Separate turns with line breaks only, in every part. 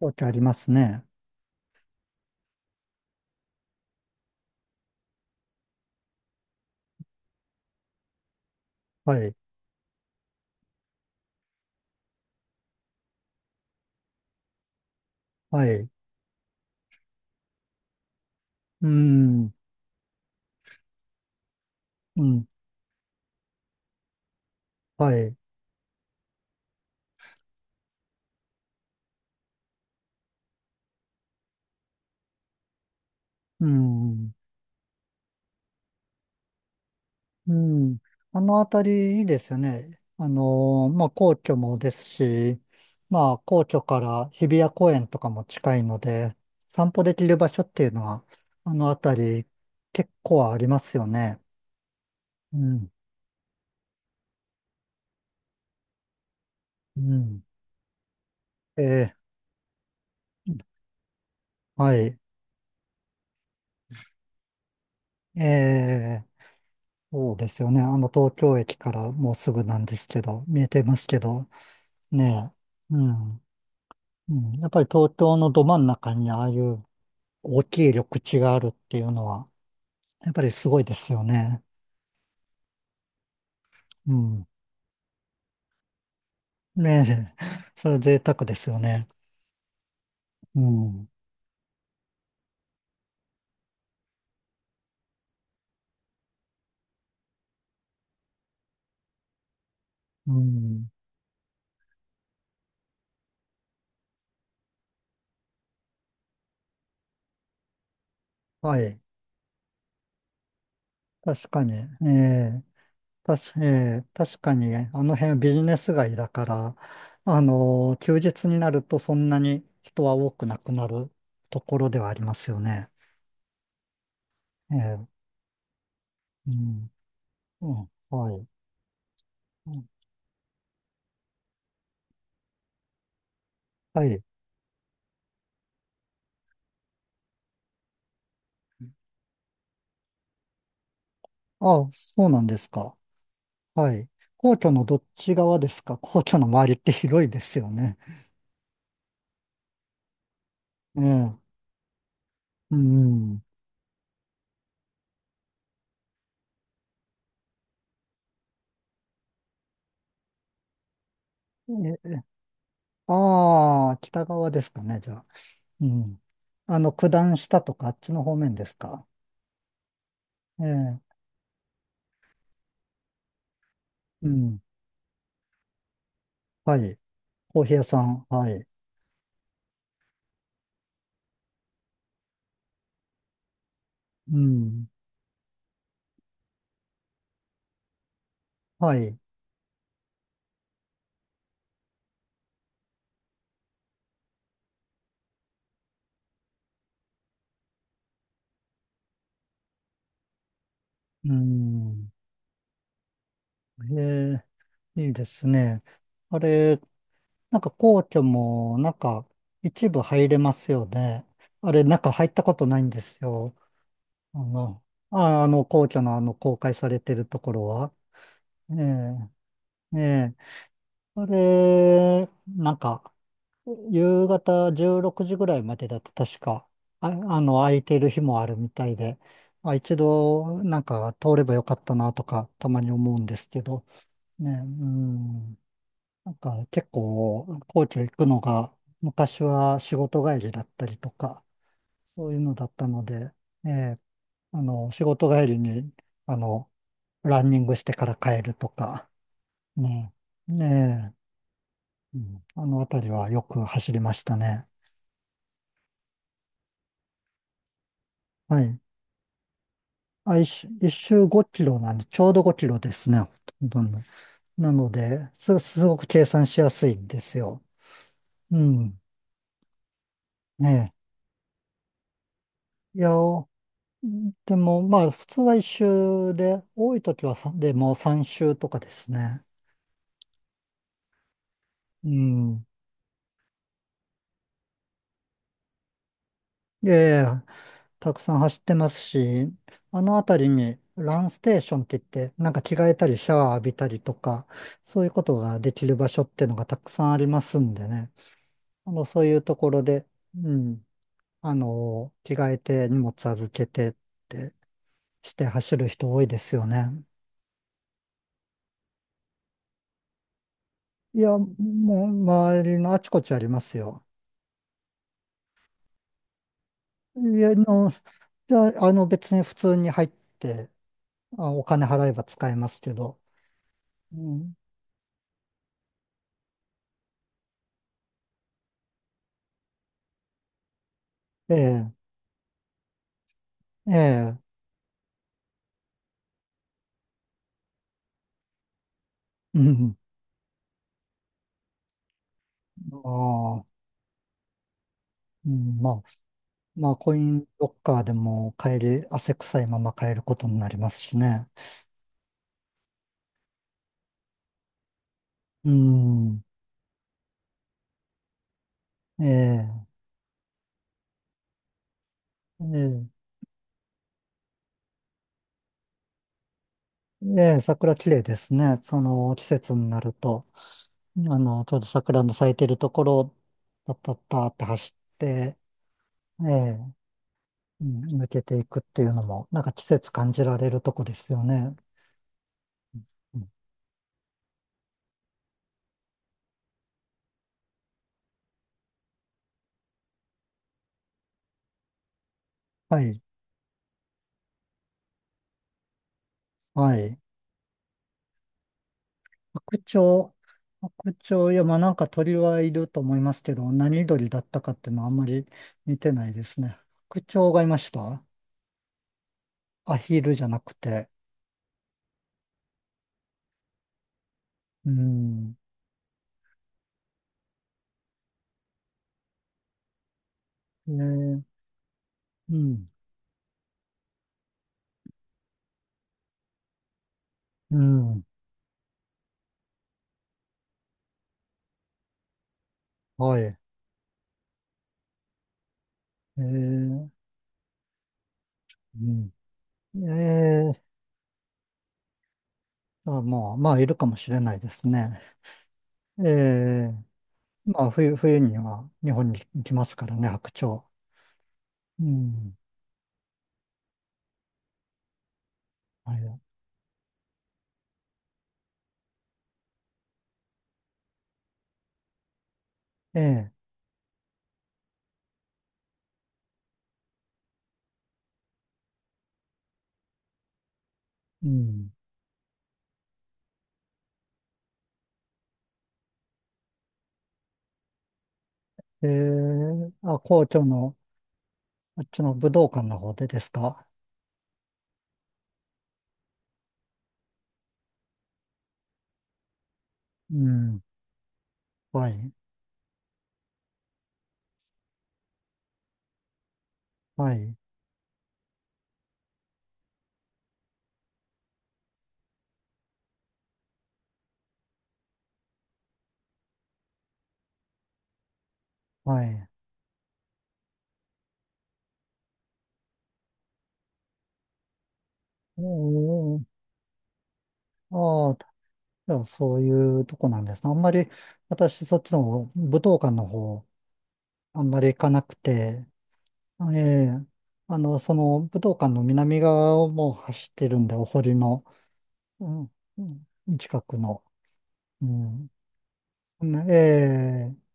わけありますね。はい。はい。うん。うん。はい。うん。うん。あのあたりいいですよね。まあ、皇居もですし、まあ、皇居から日比谷公園とかも近いので、散歩できる場所っていうのは、あのあたり結構ありますよね。うん。うん。えー、はい。えー、そうですよね。あの東京駅からもうすぐなんですけど、見えてますけど。ねえ。うん。うん。やっぱり東京のど真ん中にああいう大きい緑地があるっていうのは、やっぱりすごいですよね。うん。ねえ。それは贅沢ですよね。うん。うん。はい。確かに。ええ。ええ、確かに、あの辺ビジネス街だから、あの、休日になるとそんなに人は多くなくなるところではありますよね。ええ。うん。うん。はい。うん、はい。ああ、そうなんですか。はい。皇居のどっち側ですか？皇居の周りって広いですよね。ええ。うん。えああ、北側ですかね、じゃあ。うん。あの、九段下とかあっちの方面ですか？ええ。うん。はい。コーヒー屋さん。はい。うん。はい。うん。ええ、いいですね。あれ、なんか皇居も、なんか、一部入れますよね。あれ、中入ったことないんですよ。あの、皇居のあの、公開されてるところは、ええ、ええ、それ、なんか、夕方16時ぐらいまでだと確か、あ、あの、空いてる日もあるみたいで、あ、一度、なんか、通ればよかったなとか、たまに思うんですけど、ね、うん、なんか、結構、皇居行くのが、昔は仕事帰りだったりとか、そういうのだったので、ええ、あの、仕事帰りに、あの、ランニングしてから帰るとか、ねえ、ねえ、うん、あのあたりはよく走りましたね。はい。あ、一周5キロなんで、ちょうど5キロですね。ほとんどなので、すごく計算しやすいんですよ。うん。ねえ。いや、でも、まあ、普通は一周で、多い時はさでもう3周とかですね。うん。ええ、たくさん走ってますし、あの辺りにランステーションって言って、なんか着替えたりシャワー浴びたりとか、そういうことができる場所っていうのがたくさんありますんでね。あの、そういうところで、うん、あの、着替えて荷物預けてってして走る人多いですよね。いや、もう周りのあちこちありますよ。いや、あの、別に普通に入って、あ、お金払えば使えますけど。うん、ええ、ええ、うん。ああ、うん、まあ、まあ、コインロッカーでも買える、汗臭いまま買えることになりますしね。うん、ええ、ええ、ええ、桜綺麗ですね。その季節になると、あの、ちょうど桜の咲いてるところを、パッパッパーって走って、ええ、うん、抜けていくっていうのも、なんか季節感じられるとこですよね。うん、はい、はい。白鳥、白鳥、いや、まあなんか鳥はいると思いますけど、何鳥だったかっていうのはあんまり見てないですね。白鳥がいました？アヒルじゃなくて。うん。えー、うん。うん。はい。うん。えあ、まあ、まあ、いるかもしれないですね。えー、まあ、冬には日本に来ますからね、白鳥。うん。はい。ええ、うん。あ、皇居の、あっちの武道館の方でですか？うん。はい。はい。はい。おー、ああ、じゃあそういうとこなんですね。あんまり、私、そっちの武道館の方、あんまり行かなくて、ええ、あの、その武道館の南側をもう走ってるんで、お堀の、うんうん、近くの。うん。ねええ、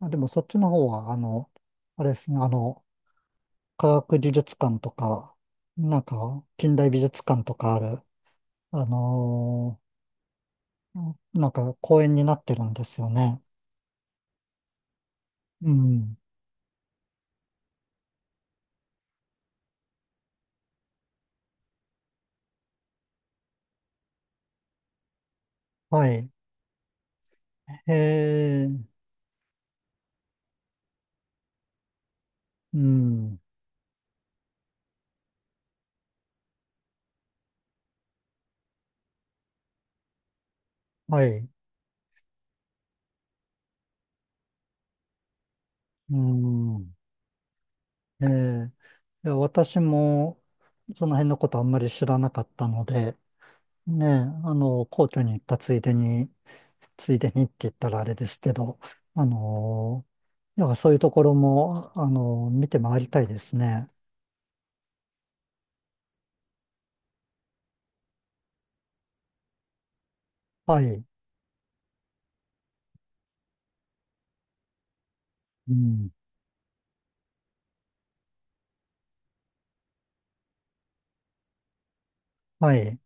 あ、でもそっちの方は、あの、あれですね、あの、科学技術館とか、なんか近代美術館とかある、あのなんか公園になってるんですよね。うん。はい。へえ、うん。はい。うん。ええ、いや私もその辺のことあんまり知らなかったので、ねえ、あの、皇居に行ったついでに、ついでにって言ったらあれですけど、あの、いやそういうところも、あの、見て回りたいですね。はい。うん。はい。